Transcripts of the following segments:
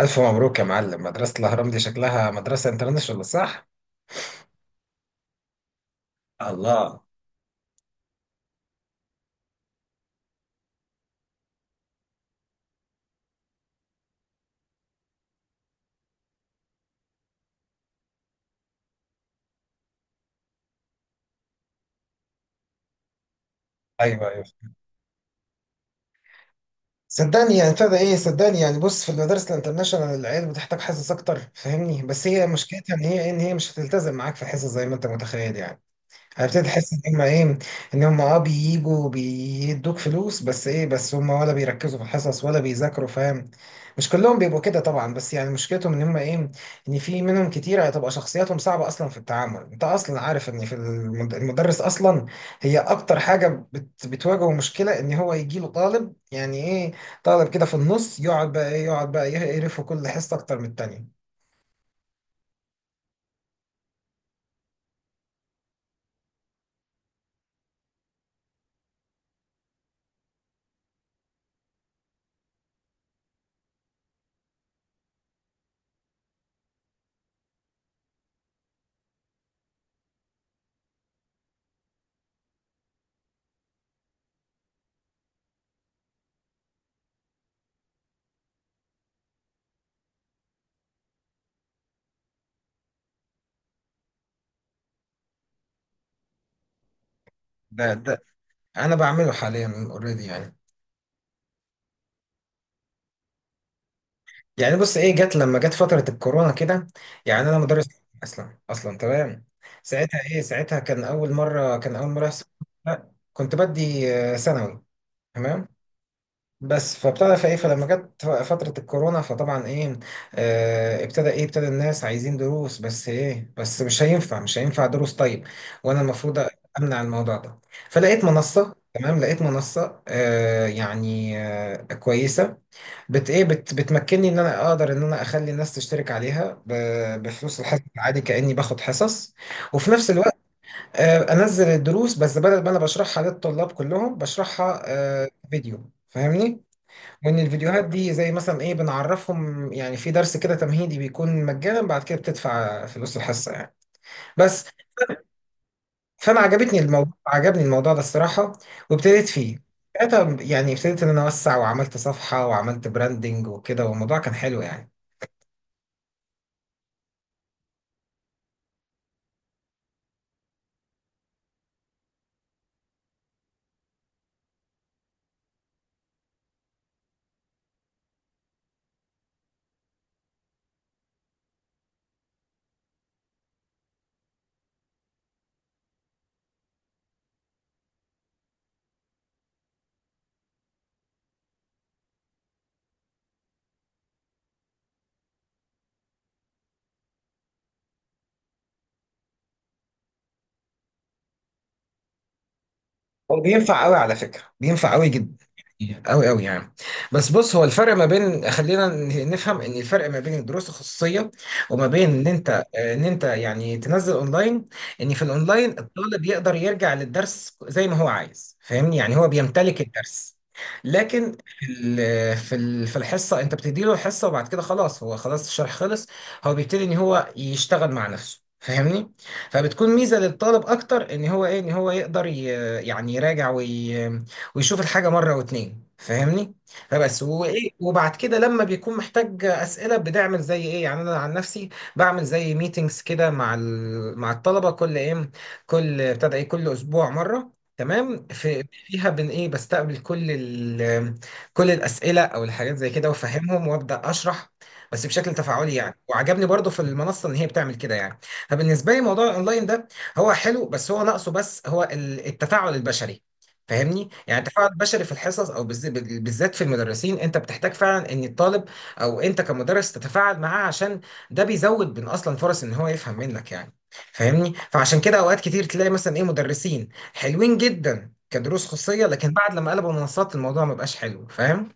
ألف مبروك يا معلم، مدرسة الأهرام دي شكلها مدرسة انترناشونال، صح؟ الله. أيوه، أيوه. صدقني يعني بص، في المدارس الانترناشونال العيال بتحتاج حصص أكتر، فاهمني؟ بس هي مشكلتها إن هي مش هتلتزم معاك في حصص زي ما أنت متخيل، يعني هبتدي تحس ان هم بييجوا بيدوك فلوس، بس هم ولا بيركزوا في الحصص ولا بيذاكروا، فاهم؟ مش كلهم بيبقوا كده طبعا، بس يعني مشكلتهم ان هم ايه ان في منهم كتير هتبقى شخصياتهم صعبة اصلا في التعامل. انت اصلا عارف ان في المدرس اصلا، هي اكتر حاجة بتواجهه مشكلة، ان هو يجي له طالب يعني ايه طالب كده في النص، يقعد بقى يقرفه كل حصة اكتر من التانية. ده انا بعمله حاليا اوريدي، يعني بص، لما جت فترة الكورونا كده، يعني انا مدرس اصلا، تمام. ساعتها كان اول مرة يحصل. لا، كنت بدي ثانوي، تمام. بس فابتدى فايه فلما جت فترة الكورونا فطبعا ابتدى الناس عايزين دروس، بس مش هينفع دروس. طيب، وانا المفروض امنع الموضوع ده. فلقيت منصة، تمام، لقيت منصة يعني كويسة، بت ايه بت بتمكنني ان انا اقدر ان انا اخلي الناس تشترك عليها بفلوس الحصص عادي، كاني باخد حصص. وفي نفس الوقت انزل الدروس، بس بدل ما انا بشرحها للطلاب كلهم بشرحها فيديو، فاهمني؟ وان الفيديوهات دي زي مثلا ايه بنعرفهم، يعني في درس كده تمهيدي بيكون مجانا، بعد كده بتدفع فلوس الحصه يعني بس. فانا عجبتني الموضوع عجبني الموضوع ده الصراحه، وابتديت فيه ساعتها. يعني ابتديت ان انا اوسع، وعملت صفحه، وعملت براندنج وكده، والموضوع كان حلو يعني. هو بينفع قوي على فكرة، بينفع قوي جدا، يعني قوي قوي يعني. بس بص، هو الفرق ما بين، خلينا نفهم، ان الفرق ما بين الدروس الخصوصيه وما بين ان انت يعني تنزل اونلاين. ان في الاونلاين الطالب يقدر يرجع للدرس زي ما هو عايز، فاهمني؟ يعني هو بيمتلك الدرس، لكن في الحصه انت بتدي له الحصه، وبعد كده خلاص، هو خلاص الشرح خلص، هو بيبتدي ان هو يشتغل مع نفسه، فاهمني؟ فبتكون ميزه للطالب اكتر ان هو يقدر يعني يراجع ويشوف الحاجة مرة واتنين، فاهمني؟ فبس وايه، وبعد كده لما بيكون محتاج أسئلة بنعمل زي ايه، يعني انا عن نفسي بعمل زي ميتينجز كده مع مع الطلبة، كل ايه كل ابتدى ايه كل اسبوع مرة، تمام. فيها بن ايه بستقبل كل الأسئلة او الحاجات زي كده، وافهمهم وابدأ اشرح، بس بشكل تفاعلي يعني. وعجبني برضو في المنصة ان هي بتعمل كده يعني. فبالنسبة لي موضوع الاونلاين ده هو حلو، بس هو ناقصه، بس هو التفاعل البشري، فاهمني؟ يعني التفاعل البشري في الحصص او بالذات في المدرسين، انت بتحتاج فعلا ان الطالب او انت كمدرس تتفاعل معاه، عشان ده بيزود من اصلا فرص ان هو يفهم منك يعني، فاهمني؟ فعشان كده اوقات كتير تلاقي مثلا ايه مدرسين حلوين جدا كدروس خصوصية، لكن بعد لما قلبوا منصات الموضوع ما بقاش حلو، فاهم؟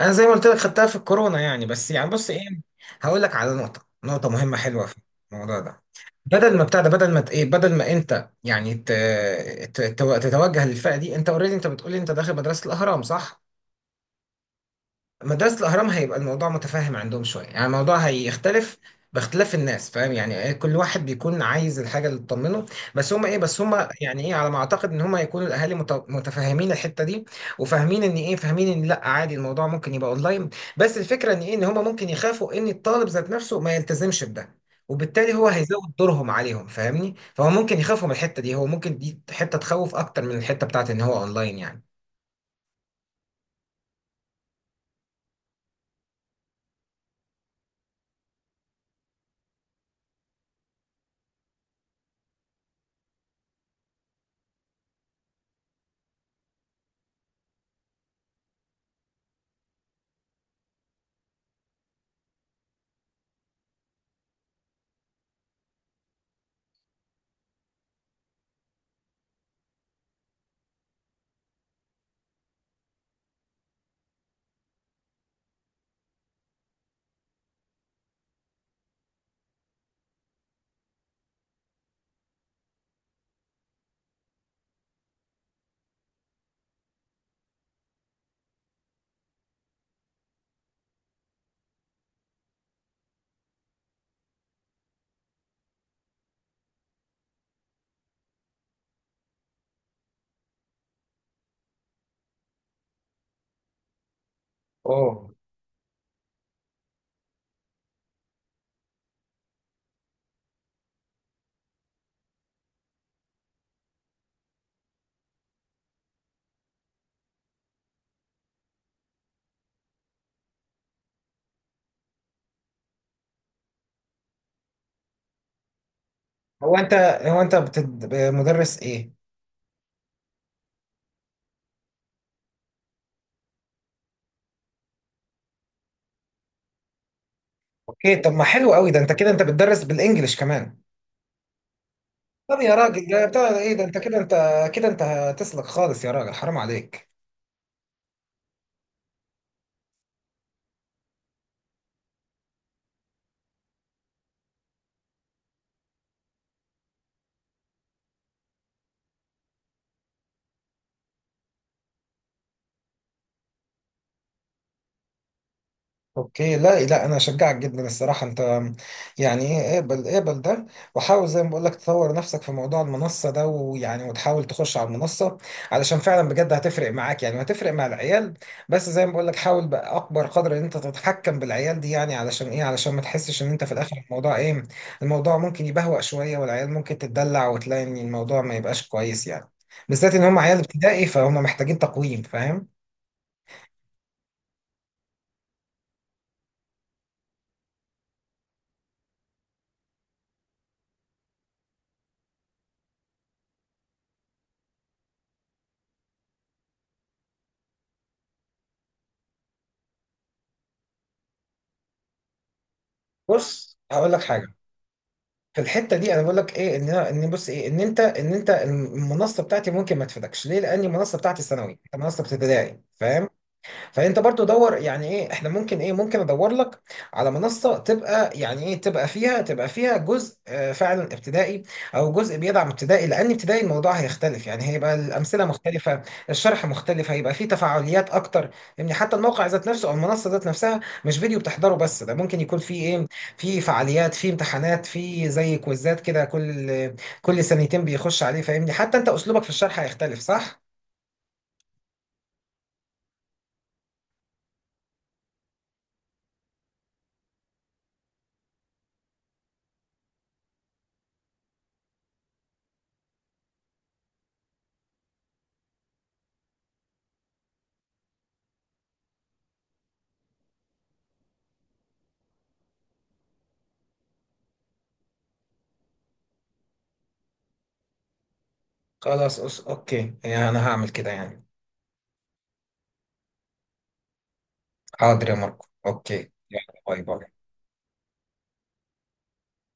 انا زي ما قلت لك خدتها في الكورونا يعني، بس يعني بص، هقول لك على نقطه مهمه حلوه في الموضوع ده. بدل ما بتاع ده بدل ما ت- ايه بدل ما انت يعني ت- تتوجه للفئه دي. انت اوريدي، انت بتقولي انت داخل مدرسه الاهرام، صح؟ مدرسة الأهرام هيبقى الموضوع متفاهم عندهم شوية، يعني الموضوع هيختلف باختلاف الناس، فاهم يعني إيه، كل واحد بيكون عايز الحاجة اللي تطمنه. بس هما إيه بس هما يعني إيه على ما أعتقد إن هما يكونوا الأهالي متفاهمين الحتة دي، وفاهمين إن إيه فاهمين إن لأ عادي، الموضوع ممكن يبقى أونلاين. بس الفكرة إن هما ممكن يخافوا إن الطالب ذات نفسه ما يلتزمش بده، وبالتالي هو هيزود دورهم عليهم، فاهمني؟ فهو ممكن يخافوا من الحتة دي، هو ممكن دي حتة تخوف أكتر من الحتة بتاعت إن هو أونلاين يعني. اوه. هو انت هو انت مدرس ايه؟ اوكي، طب ما حلو قوي ده، انت كده انت بتدرس بالانجلش كمان. طب يا راجل، ده بتاع ايه ده؟ انت كده انت هتسلك خالص، يا راجل حرام عليك. اوكي، لا لا، انا اشجعك جدا الصراحه. انت يعني ايه، اقبل اقبل ده، وحاول زي ما بقول لك تطور نفسك في موضوع المنصه ده، ويعني وتحاول تخش على المنصه، علشان فعلا بجد هتفرق معاك يعني، وهتفرق مع العيال. بس زي ما بقول لك حاول باكبر قدر ان انت تتحكم بالعيال دي يعني، علشان ما تحسش ان انت في الاخر الموضوع ايه، الموضوع ممكن يبهوأ شويه، والعيال ممكن تتدلع، وتلاقي ان الموضوع ما يبقاش كويس يعني. بالذات ان هم عيال ابتدائي، فهم محتاجين تقويم، فاهم؟ بص هقول لك حاجه، في الحته دي انا بقول لك ايه، ان أنا- ان بص ايه ان انت المنصه بتاعتي ممكن ما تفيدكش، ليه؟ لان المنصه بتاعتي ثانوي، انت منصه ابتدائي، فاهم؟ فانت برضو دور يعني ايه، احنا ممكن ايه ممكن ادور لك على منصه تبقى يعني ايه تبقى فيها تبقى فيها جزء فعلا ابتدائي، او جزء بيدعم ابتدائي. لان ابتدائي الموضوع هيختلف يعني، هيبقى الامثله مختلفه، الشرح مختلف، هيبقى فيه تفاعليات اكتر. يعني حتى الموقع ذات نفسه او المنصه ذات نفسها مش فيديو بتحضره بس، ده ممكن يكون فيه فعاليات، فيه امتحانات، فيه زي كويزات كده، كل سنتين بيخش عليه، فاهمني؟ حتى انت اسلوبك في الشرح هيختلف، صح؟ خلاص اوكي، يعني انا هعمل كده يعني. حاضر يا ماركو، اوكي. يلا، باي باي.